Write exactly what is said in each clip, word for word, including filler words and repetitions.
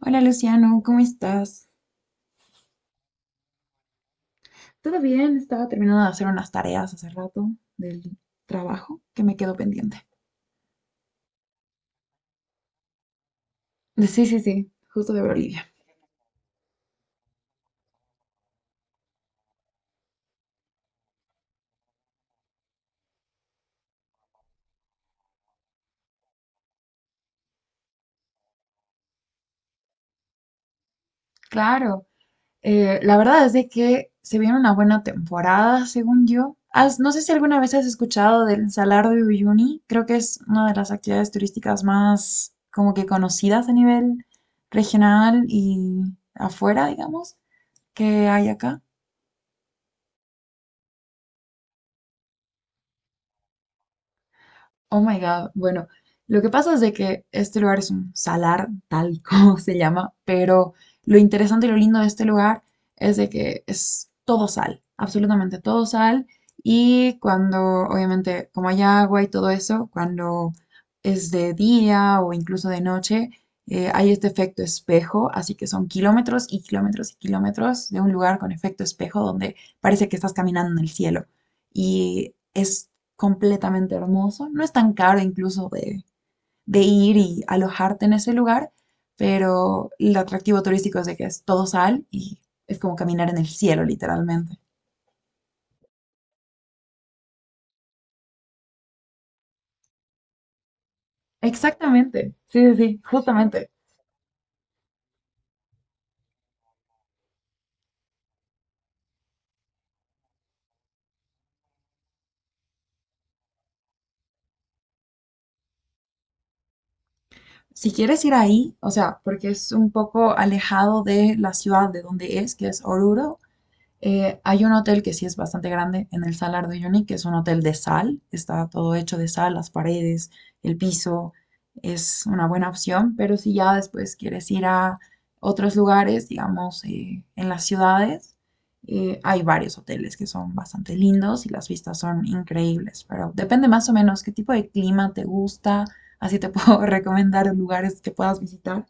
Hola Luciano, ¿cómo estás? Todo bien, estaba terminando de hacer unas tareas hace rato del trabajo que me quedó pendiente. Sí, sí, sí. Justo de Bolivia. Claro. Eh, la verdad es de que se viene una buena temporada, según yo. Has- no sé si alguna vez has escuchado del Salar de Uyuni. Creo que es una de las actividades turísticas más como que conocidas a nivel regional y afuera, digamos, que hay acá. Oh my God. Bueno, lo que pasa es de que este lugar es un salar, tal como se llama, pero lo interesante y lo lindo de este lugar es de que es todo sal, absolutamente todo sal. Y cuando, obviamente, como hay agua y todo eso, cuando es de día o incluso de noche, eh, hay este efecto espejo, así que son kilómetros y kilómetros y kilómetros de un lugar con efecto espejo donde parece que estás caminando en el cielo. Y es completamente hermoso. No es tan caro incluso de, de ir y alojarte en ese lugar, pero el atractivo turístico es de que es todo sal y es como caminar en el cielo, literalmente. Exactamente, sí, sí, sí, justamente. Si quieres ir ahí, o sea, porque es un poco alejado de la ciudad de donde es, que es Oruro, Eh, hay un hotel que sí es bastante grande en el Salar de Uyuni, que es un hotel de sal, está todo hecho de sal, las paredes, el piso, es una buena opción, pero si ya después quieres ir a otros lugares, digamos, eh, en las ciudades, eh, hay varios hoteles que son bastante lindos y las vistas son increíbles, pero depende más o menos qué tipo de clima te gusta, así te puedo recomendar lugares que puedas visitar.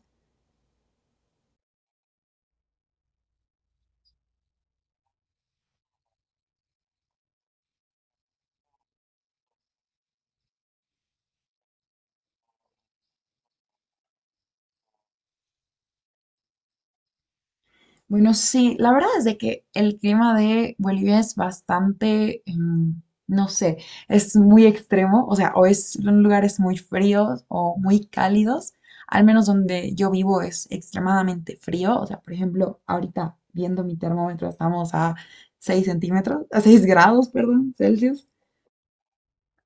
Bueno, sí, la verdad es de que el clima de Bolivia es bastante, em, no sé, es muy extremo, o sea, o es en lugares muy fríos o muy cálidos, al menos donde yo vivo es extremadamente frío, o sea, por ejemplo, ahorita viendo mi termómetro estamos a seis centímetros, a seis grados, perdón, Celsius.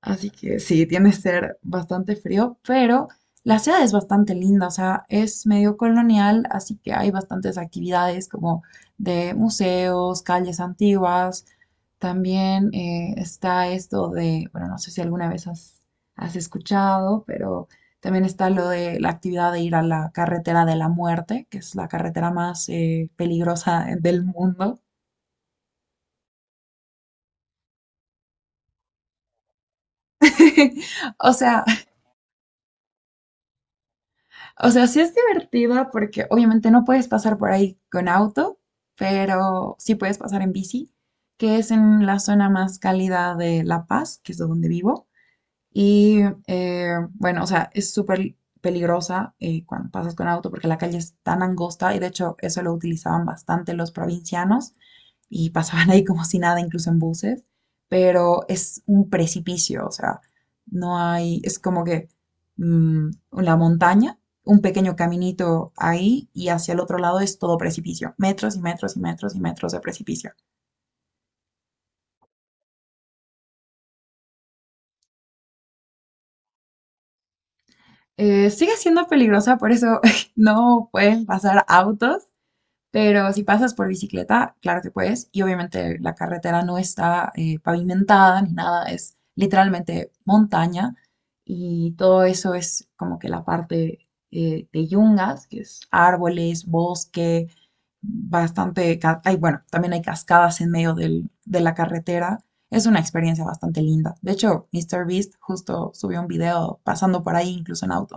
Así que sí, tiene que ser bastante frío, pero la ciudad es bastante linda, o sea, es medio colonial, así que hay bastantes actividades como de museos, calles antiguas. También eh, está esto de, bueno, no sé si alguna vez has, has escuchado, pero también está lo de la actividad de ir a la carretera de la muerte, que es la carretera más eh, peligrosa del mundo. O sea, o sea, sí es divertida porque obviamente no puedes pasar por ahí con auto, pero sí puedes pasar en bici, que es en la zona más cálida de La Paz, que es de donde vivo. Y eh, bueno, o sea, es súper peligrosa eh, cuando pasas con auto porque la calle es tan angosta y de hecho eso lo utilizaban bastante los provincianos y pasaban ahí como si nada, incluso en buses, pero es un precipicio, o sea, no hay, es como que mm, la montaña, un pequeño caminito ahí y hacia el otro lado es todo precipicio, metros y metros y metros y metros de precipicio. Eh, sigue siendo peligrosa, por eso no pueden pasar autos. Pero si pasas por bicicleta, claro que puedes. Y obviamente la carretera no está eh, pavimentada ni nada, es literalmente montaña. Y todo eso es como que la parte eh, de yungas, que es árboles, bosque, bastante... ca- Hay, bueno, también hay cascadas en medio del- de la carretera. Es una experiencia bastante linda. De hecho, míster Beast justo subió un video pasando por ahí, incluso en auto.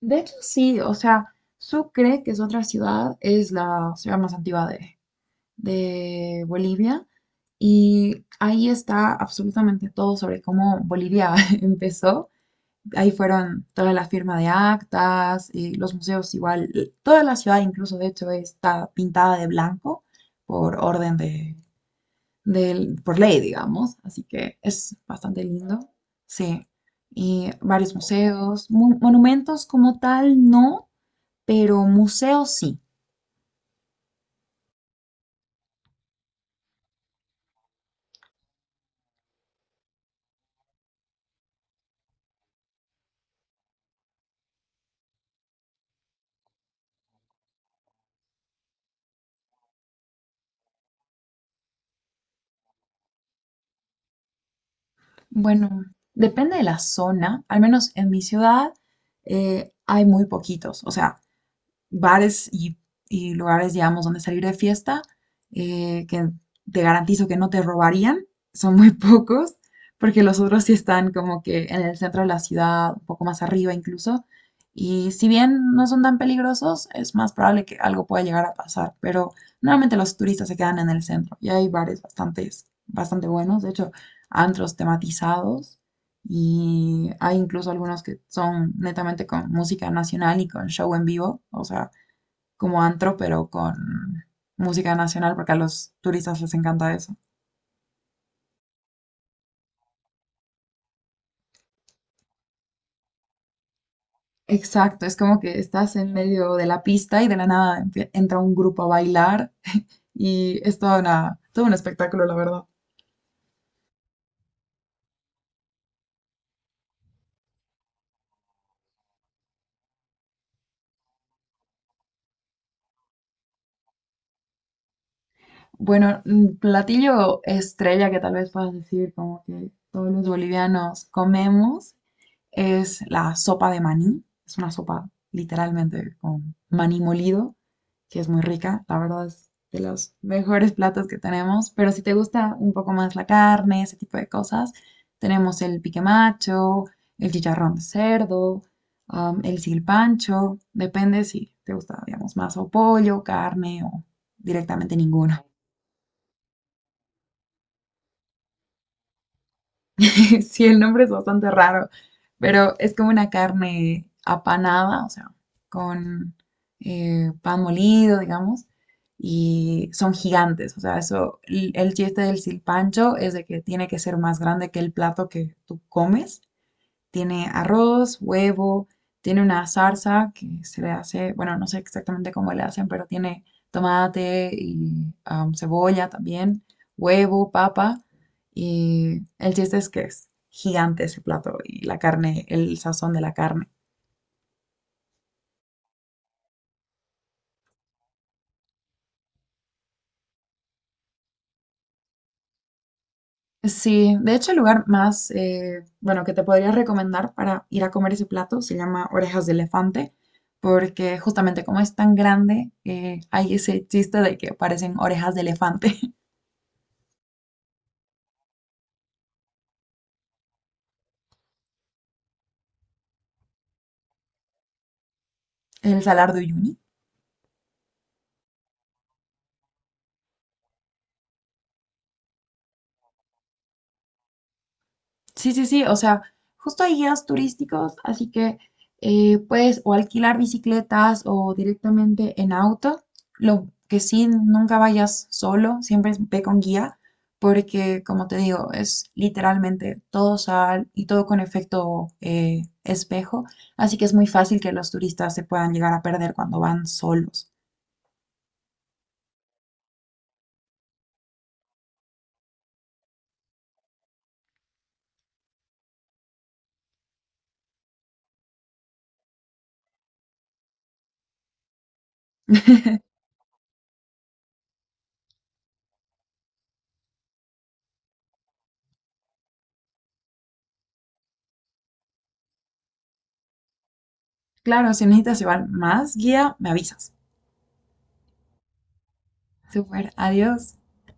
De hecho, sí, o sea, Sucre, que es otra ciudad, es la ciudad más antigua de, de Bolivia y ahí está absolutamente todo sobre cómo Bolivia empezó. Ahí fueron toda la firma de actas y los museos igual. Y toda la ciudad incluso, de hecho, está pintada de blanco por orden de, del- por ley, digamos. Así que es bastante lindo. Sí. Y varios museos, mon- monumentos como tal, no, pero museos sí. Bueno, depende de la zona, al menos en mi ciudad eh, hay muy poquitos. O sea, bares y, y lugares, digamos, donde salir de fiesta, eh, que te garantizo que no te robarían, son muy pocos, porque los otros sí están como que en el centro de la ciudad, un poco más arriba incluso. Y si bien no son tan peligrosos, es más probable que algo pueda llegar a pasar, pero normalmente los turistas se quedan en el centro y hay bares bastantes, bastante buenos, de hecho, antros tematizados, y hay incluso algunos que son netamente con música nacional y con show en vivo, o sea, como antro, pero con música nacional, porque a los turistas les encanta eso. Exacto, es como que estás en medio de la pista y de la nada empie- entra un grupo a bailar y es toda una, todo un espectáculo, la verdad. Bueno, mm, platillo estrella que tal vez puedas decir como que todos los bolivianos comemos es la sopa de maní. Es una sopa literalmente con maní molido, que es muy rica. La verdad es de los mejores platos que tenemos. Pero si te gusta un poco más la carne, ese tipo de cosas, tenemos el pique macho, el chicharrón de cerdo, um, el silpancho. Depende si te gusta, digamos, más o pollo, carne o directamente ninguno. Sí, el nombre es bastante raro, pero es como una carne apanada, o sea, con eh, pan molido, digamos, y son gigantes, o sea, eso, el el chiste del silpancho es de que tiene que ser más grande que el plato que tú comes, tiene arroz, huevo, tiene una salsa que se le hace, bueno, no sé exactamente cómo le hacen, pero tiene tomate y am, cebolla también, huevo, papa. Y el chiste es que es gigante ese plato y la carne, el sazón de la carne. Sí, de hecho el lugar más, eh, bueno, que te podría recomendar para ir a comer ese plato se llama Orejas de Elefante, porque justamente como es tan grande, eh, hay ese chiste de que parecen orejas de elefante. El Salar de Uyuni. Sí, sí, sí, o sea, justo hay guías turísticos, así que eh, puedes o alquilar bicicletas o directamente en auto. Lo que sí, nunca vayas solo, siempre ve con guía, porque como te digo, es literalmente todo sal y todo con efecto eh, espejo, así que es muy fácil que los turistas se puedan llegar a perder cuando van solos. Claro, si necesitas llevar más guía, me avisas. Súper, adiós.